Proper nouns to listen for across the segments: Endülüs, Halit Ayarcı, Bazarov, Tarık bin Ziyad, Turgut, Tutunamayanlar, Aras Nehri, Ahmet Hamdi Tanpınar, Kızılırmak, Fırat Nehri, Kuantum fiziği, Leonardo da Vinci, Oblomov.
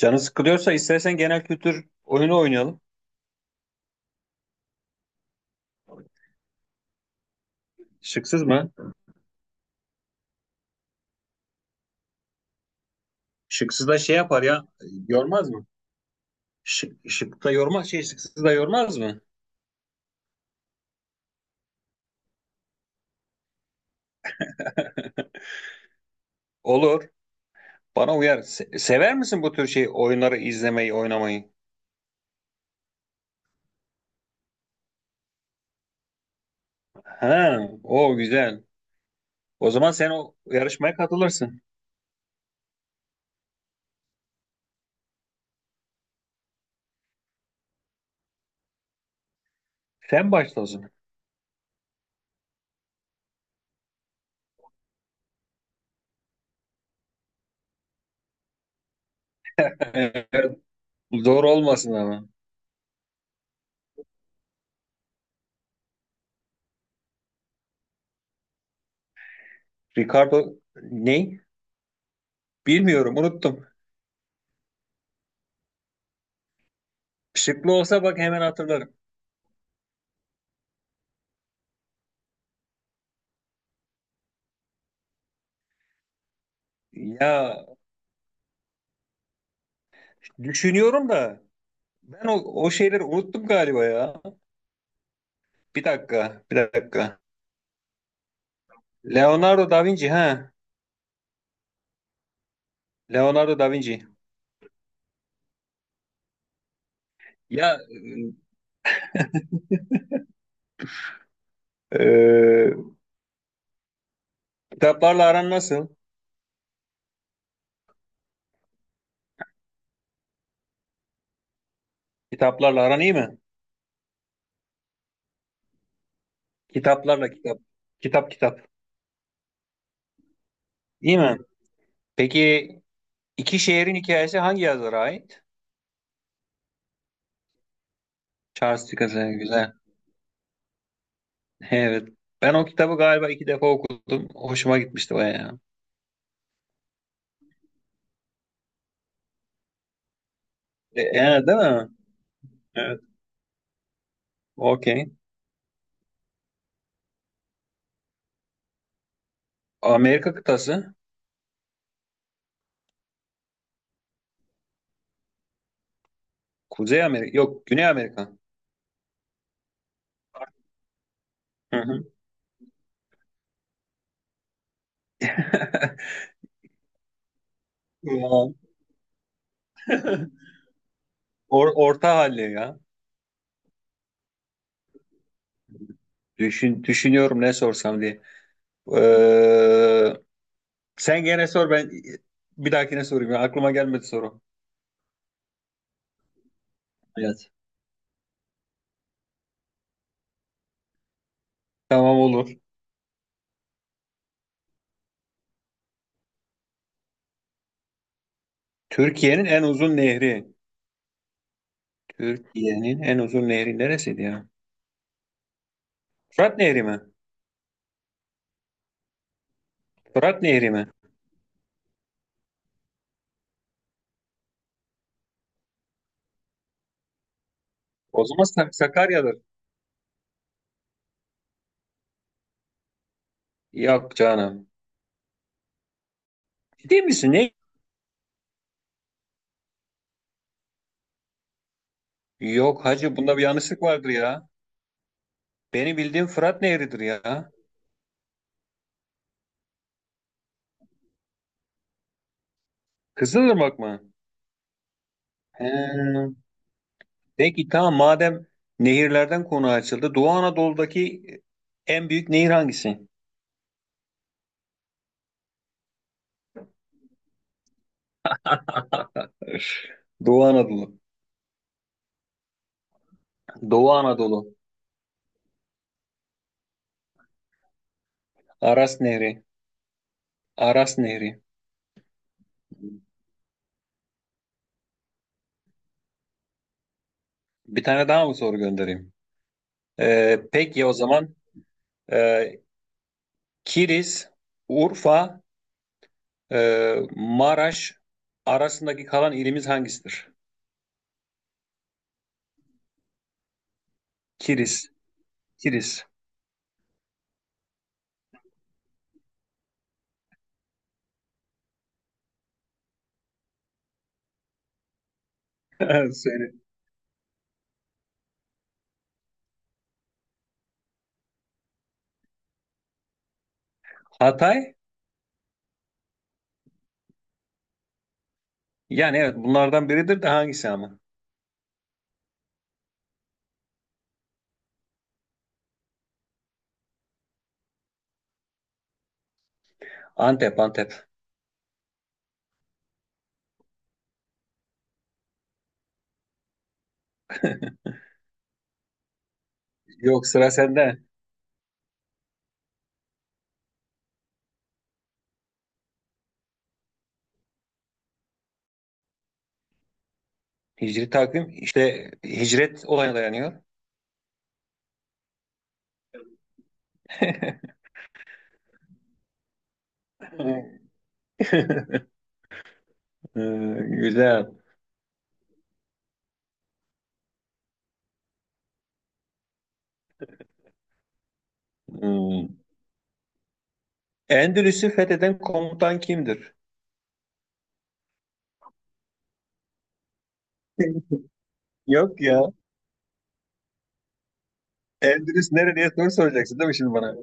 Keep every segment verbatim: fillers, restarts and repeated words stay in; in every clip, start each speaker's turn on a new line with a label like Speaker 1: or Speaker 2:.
Speaker 1: Canı sıkılıyorsa istersen genel kültür oyunu oynayalım. Şıksız mı? Şıksız da şey yapar ya. Yormaz mı? Şık, şık da yormaz şey şıksız da yormaz mı? Olur. Bana uyar. Se- sever misin bu tür şey oyunları izlemeyi, oynamayı? Ha, o güzel. O zaman sen o yarışmaya katılırsın. Sen başla o zaman. Eğer Zor olmasın ama. Ricardo ne? Bilmiyorum, unuttum. Şıklı olsa bak hemen hatırlarım. Ya Düşünüyorum da Ben o, o şeyleri unuttum galiba ya. Bir dakika, bir dakika. Leonardo da Vinci ha. Leonardo da Vinci. Ya e, e, kitaplarla aran nasıl? Kitaplarla aran iyi mi? Kitaplarla kitap. Kitap kitap. İyi mi? Peki, iki şehrin hikayesi hangi yazara ait? Charles Dickens'e güzel. Evet. Ben o kitabı galiba iki defa okudum. Hoşuma gitmişti bayağı. E, e, değil mi? Evet. Okey. Amerika kıtası. Kuzey Amerika. Yok, Güney Amerika. Hı hı. Ya. Or- orta halli ya. Düşün, düşünüyorum ne sorsam diye. Ee, Sen gene sor, ben bir dahakine sorayım ya. Aklıma gelmedi soru. Evet. Tamam, olur. Türkiye'nin en uzun nehri. Türkiye'nin en uzun nehri neresiydi ya? Fırat Nehri mi? Fırat Nehri mi? O zaman Sak- Sakarya'dır. Yok canım. Ciddi misin? Ne? Yok hacı, bunda bir yanlışlık vardır ya. Benim bildiğim Fırat Nehri'dir ya. Kızılırmak mı? He. Peki tamam, madem nehirlerden konu açıldı, Doğu Anadolu'daki en büyük nehir hangisi? Öf, Doğu Anadolu. Doğu Anadolu. Aras Nehri. Aras Nehri. Bir tane daha mı soru göndereyim? Ee, peki o zaman, e, Kilis, Urfa, e, Maraş arasındaki kalan ilimiz hangisidir? Kilis. Kilis. Söyle. Hatay? Yani evet, bunlardan biridir de hangisi ama? Antep, Antep. Yok, sıra sende. Hicri takvim işte hicret olayına dayanıyor. Güzel. Hmm. Endülüs'ü fetheden komutan kimdir? Yok ya. Endülüs nerede diye soru soracaksın değil mi şimdi bana?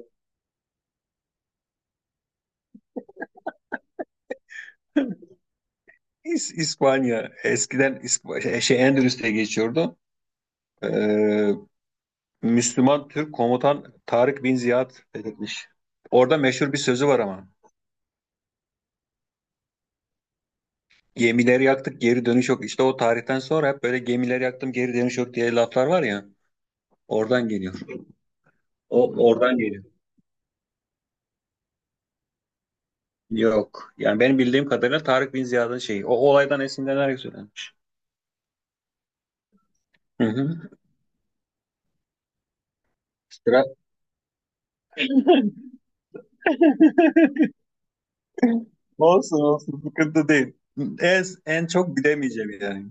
Speaker 1: İs- İspanya. Eskiden İsp- şey, şey, Endülüs diye geçiyordu. Ee, Müslüman Türk komutan Tarık bin Ziyad fethetmiş. Orada meşhur bir sözü var ama. Gemileri yaktık, geri dönüş yok. İşte o tarihten sonra hep böyle gemileri yaktım geri dönüş yok diye laflar var ya. Oradan geliyor. O oradan geliyor. Yok. Yani benim bildiğim kadarıyla Tarık Bin Ziyad'ın şeyi. O olaydan esinlenerek söylenmiş. Hı hı. Sıra- Olsun olsun, sıkıntı değil. En, en çok bilemeyeceğim yani.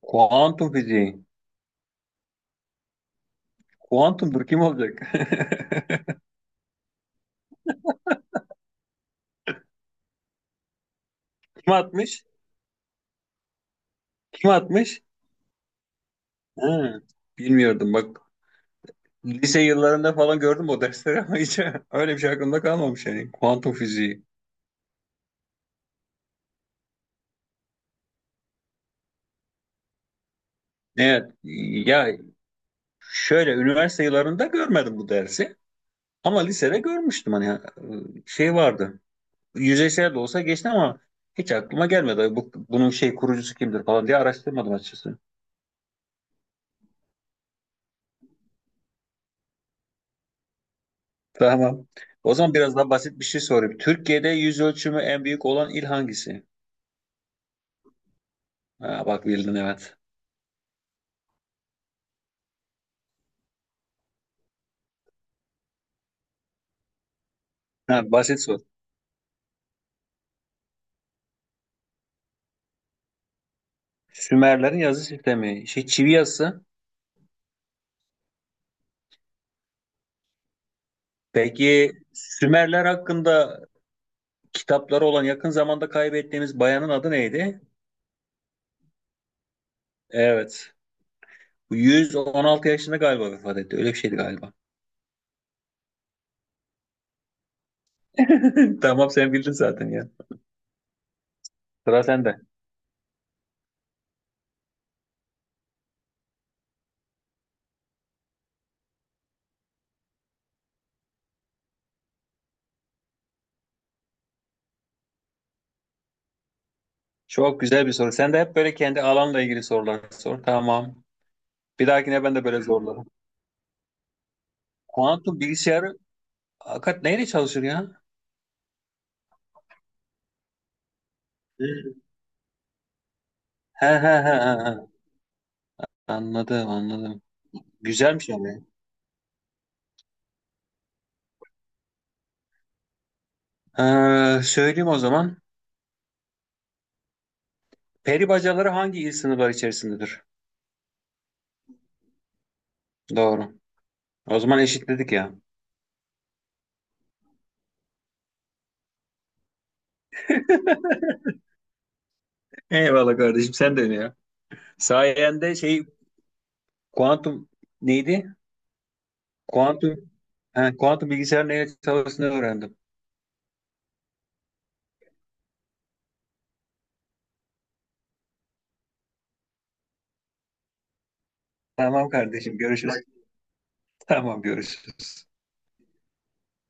Speaker 1: Kuantum fiziği. Kuantumdur, kim olacak? Kim atmış? Kim atmış? Ha, bilmiyordum bak. Lise yıllarında falan gördüm o dersleri ama hiç öyle bir şey aklımda kalmamış yani. Kuantum fiziği. Evet ya, şöyle üniversite yıllarında görmedim bu dersi. Ama lisede görmüştüm hani e, şey vardı. Yüzeysel de olsa geçti ama hiç aklıma gelmedi. Ay bu, bunun şey kurucusu kimdir falan diye araştırmadım açıkçası. Tamam. O zaman biraz daha basit bir şey sorayım. Türkiye'de yüz ölçümü en büyük olan il hangisi? Ha, bak bildin, evet. Ha, basit soru. Sümerlerin yazı sistemi, şey, çivi yazısı. Peki Sümerler hakkında kitapları olan yakın zamanda kaybettiğimiz bayanın adı neydi? Evet. yüz on altı yaşında galiba vefat etti. Öyle bir şeydi galiba. Tamam, sen bildin zaten ya. Sıra sende. Çok güzel bir soru. Sen de hep böyle kendi alanla ilgili sorular sor. Tamam. Bir dahakine ben de böyle zorlarım. Kuantum bilgisayarı hakikat neyle çalışır ya? Hı. He he he he. He. Anladım anladım. Güzelmiş yani. Ee, söyleyeyim o zaman. Peri bacaları hangi il sınırları içerisindedir? Doğru. O zaman eşitledik ya. Eyvallah kardeşim, sen de öyle ya. Sayende şey, kuantum neydi? Kuantum he, kuantum bilgisayar neyle çalıştığını öğrendim. Tamam kardeşim, görüşürüz. Tamam görüşürüz.